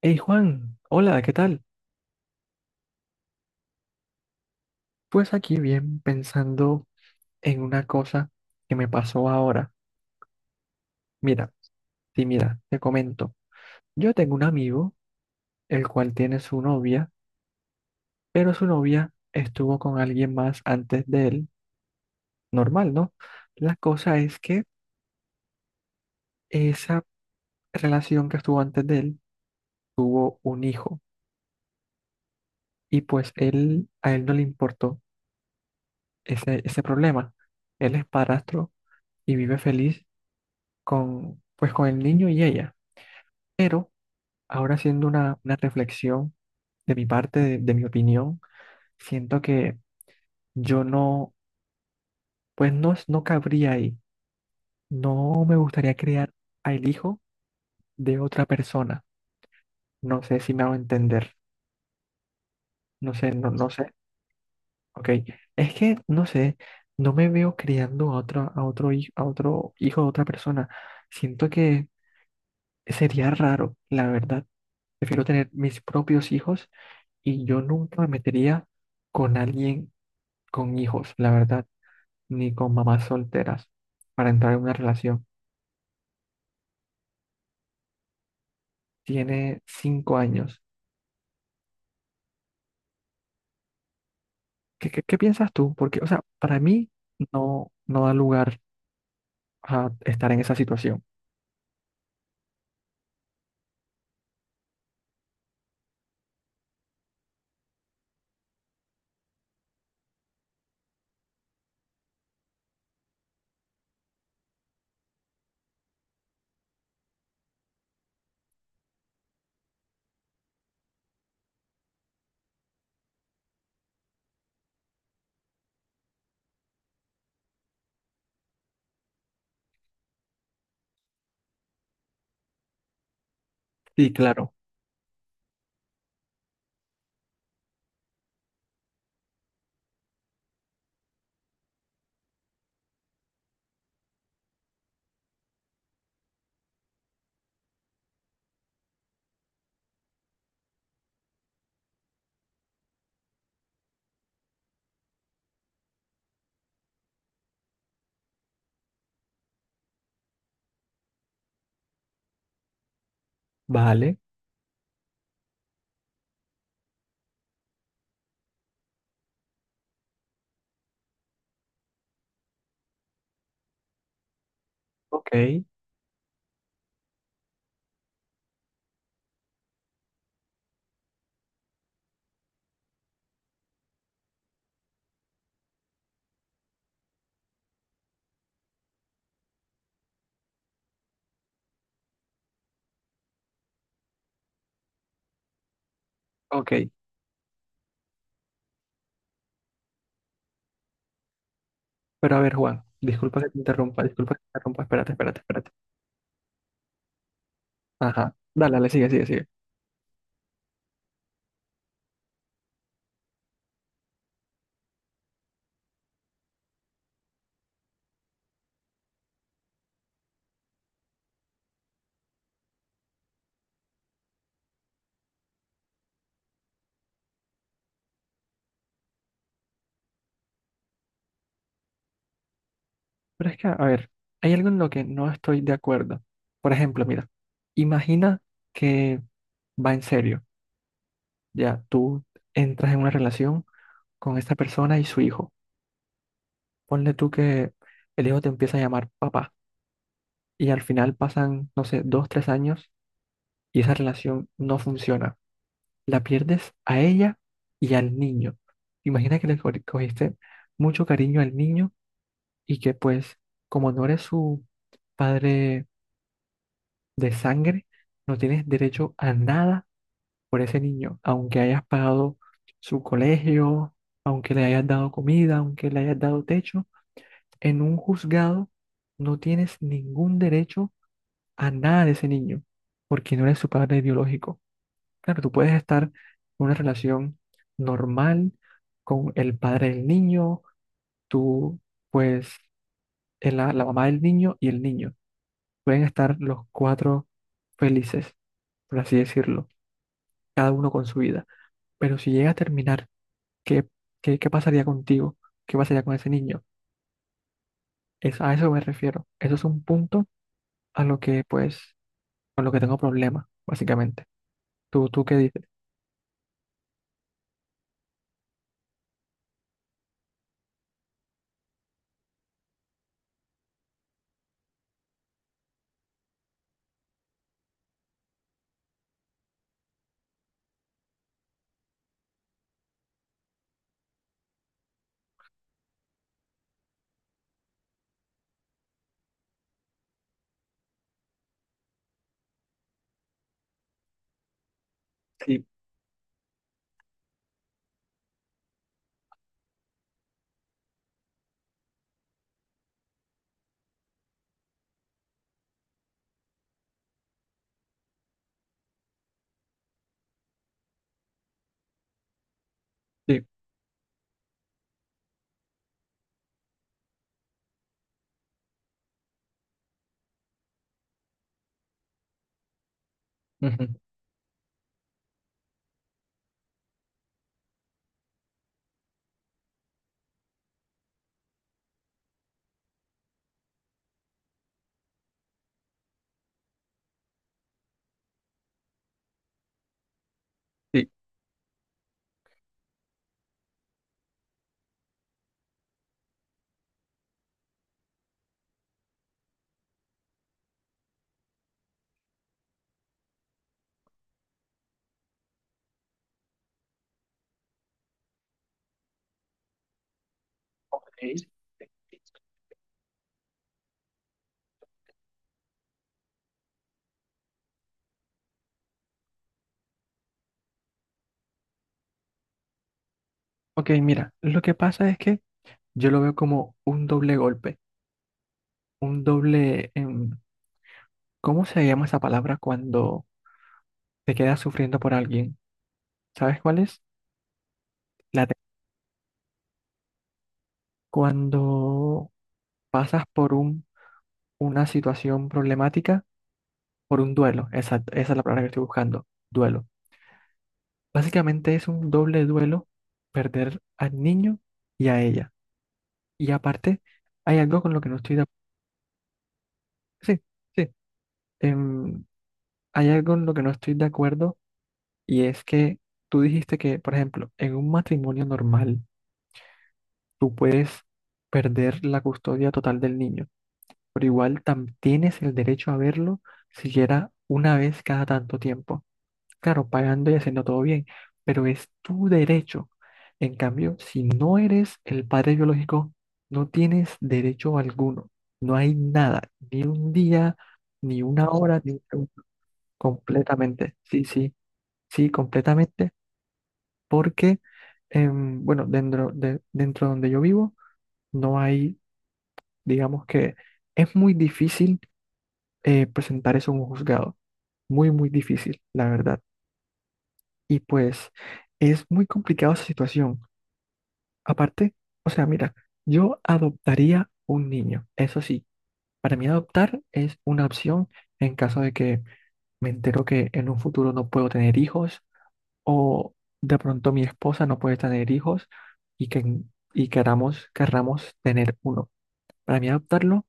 Hey Juan, hola, ¿qué tal? Pues aquí bien pensando en una cosa que me pasó ahora. Mira, sí, mira, te comento. Yo tengo un amigo, el cual tiene su novia, pero su novia estuvo con alguien más antes de él, normal, ¿no? La cosa es que esa relación que estuvo antes de él, tuvo un hijo, y pues él, a él no le importó ese problema. Él es padrastro y vive feliz con, pues, con el niño y ella. Pero ahora haciendo una reflexión de mi parte, de mi opinión, siento que yo no, pues no cabría ahí. No me gustaría criar al hijo de otra persona. No sé si me hago entender. No sé, no sé. Ok. Es que, no sé, no me veo criando a otro hijo de otra persona. Siento que sería raro, la verdad. Prefiero tener mis propios hijos y yo nunca me metería con alguien con hijos, la verdad. Ni con mamás solteras para entrar en una relación. Tiene 5 años. ¿ Qué piensas tú? Porque, o sea, para mí no da lugar a estar en esa situación. Sí, claro, vale, ok, ok. Pero a ver, Juan, disculpa que te interrumpa, disculpa que te interrumpa, espérate, espérate, espérate. Ajá, dale, dale, sigue, sigue, sigue. Pero es que, a ver, hay algo en lo que no estoy de acuerdo. Por ejemplo, mira, imagina que va en serio, ya tú entras en una relación con esta persona y su hijo. Ponle tú que el hijo te empieza a llamar papá y al final pasan, no sé, dos, tres años y esa relación no funciona. La pierdes a ella y al niño. Imagina que le cogiste mucho cariño al niño y que pues como no eres su padre de sangre, no tienes derecho a nada por ese niño, aunque hayas pagado su colegio, aunque le hayas dado comida, aunque le hayas dado techo, en un juzgado no tienes ningún derecho a nada de ese niño, porque no eres su padre biológico. Claro, tú puedes estar en una relación normal con el padre del niño, tú, pues, la mamá del niño y el niño. Pueden estar los cuatro felices, por así decirlo, cada uno con su vida. Pero si llega a terminar, ¿qué, qué pasaría contigo? ¿Qué pasaría con ese niño? Es, a eso me refiero. Eso es un punto a lo que, pues, con lo que tengo problema, básicamente. ¿Tú qué dices? Sí, sí. Sí. Ok. Ok, mira, lo que pasa es que yo lo veo como un doble golpe, un doble¿cómo se llama esa palabra cuando te quedas sufriendo por alguien? ¿Sabes cuál es? La te- Cuando pasas por un, una situación problemática, por un duelo, exacto, esa es la palabra que estoy buscando, duelo. Básicamente es un doble duelo perder al niño y a ella. Y aparte, hay algo con lo que no estoy de acuerdo. Sí, sí. em, hay algo en lo que no estoy de acuerdo y es que tú dijiste que, por ejemplo, en un matrimonio normal tú puedes perder la custodia total del niño, pero igual tienes el derecho a verlo siquiera una vez cada tanto tiempo. Claro, pagando y haciendo todo bien, pero es tu derecho. En cambio, si no eres el padre biológico, no tienes derecho alguno. No hay nada, ni un día, ni una hora, ni un segundo, completamente. Sí, sí. Sí, completamente, porque, bueno, dentro donde yo vivo, no hay, digamos que es muy difícil presentar eso en un juzgado, muy, muy difícil, la verdad. Y pues es muy complicada esa situación. Aparte, o sea, mira, yo adoptaría un niño, eso sí, para mí adoptar es una opción en caso de que me entero que en un futuro no puedo tener hijos, o de pronto mi esposa no puede tener hijos y, que, y querramos tener uno. Para mí adoptarlo,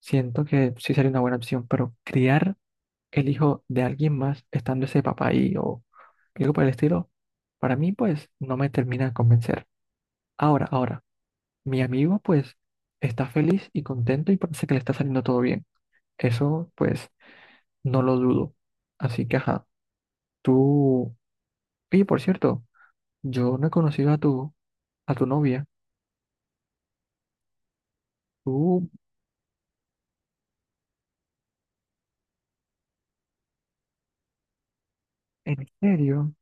siento que sí sería una buena opción, pero criar el hijo de alguien más estando ese papá ahí o algo por el estilo, para mí pues no me termina de convencer. Ahora, ahora, mi amigo pues está feliz y contento y parece que le está saliendo todo bien. Eso pues no lo dudo. Así que ajá, tú... Y por cierto, yo no he conocido a tu novia. ¿Tú, en serio?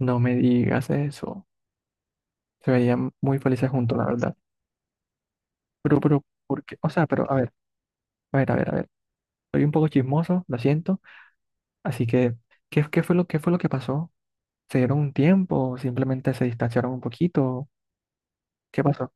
No me digas eso. Se veían muy felices juntos, la verdad. Pero, ¿por qué? O sea, pero, a ver, a ver, a ver, a ver. Soy un poco chismoso, lo siento. Así que, ¿ qué fue lo que pasó? ¿Se dieron un tiempo? ¿Simplemente se distanciaron un poquito? ¿Qué pasó?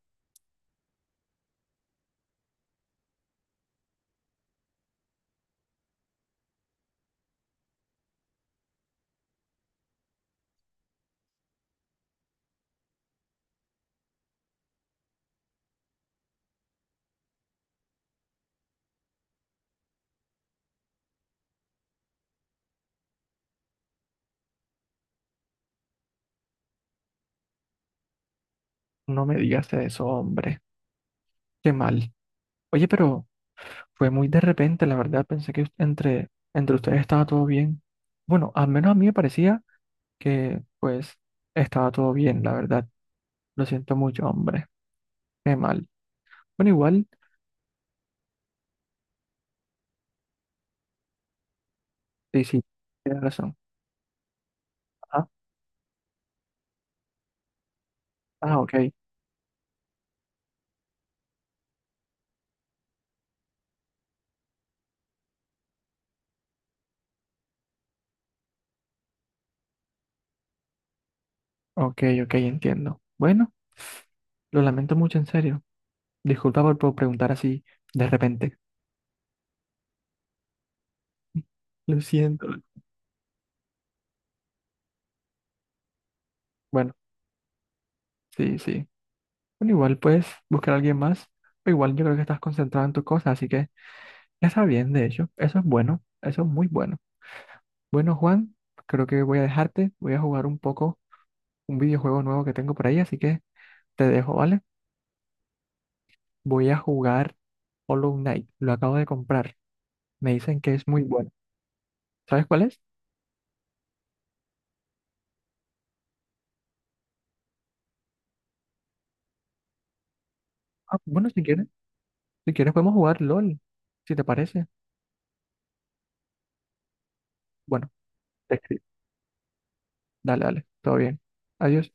No me digas eso, hombre. Qué mal. Oye, pero fue muy de repente, la verdad. Pensé que entre ustedes estaba todo bien. Bueno, al menos a mí me parecía que pues estaba todo bien, la verdad. Lo siento mucho, hombre. Qué mal. Bueno, igual, sí, sí, tienes razón. Ah, ah, ok, ok, ok, entiendo. Bueno, lo lamento mucho, en serio. Disculpa por preguntar así de repente. Lo siento. Bueno, sí, sí. Bueno, igual puedes buscar a alguien más. O igual yo creo que estás concentrado en tus cosas, así que está bien, de hecho. Eso es bueno, eso es muy bueno. Bueno, Juan, creo que voy a dejarte. Voy a jugar un poco un videojuego nuevo que tengo por ahí, así que... Te dejo, ¿vale? Voy a jugar Hollow Knight. Lo acabo de comprar. Me dicen que es muy bueno. ¿Sabes cuál es? Ah, bueno, si quieres, podemos jugar LOL, si te parece. Bueno, te escribo. Dale, dale. Todo bien. Adiós.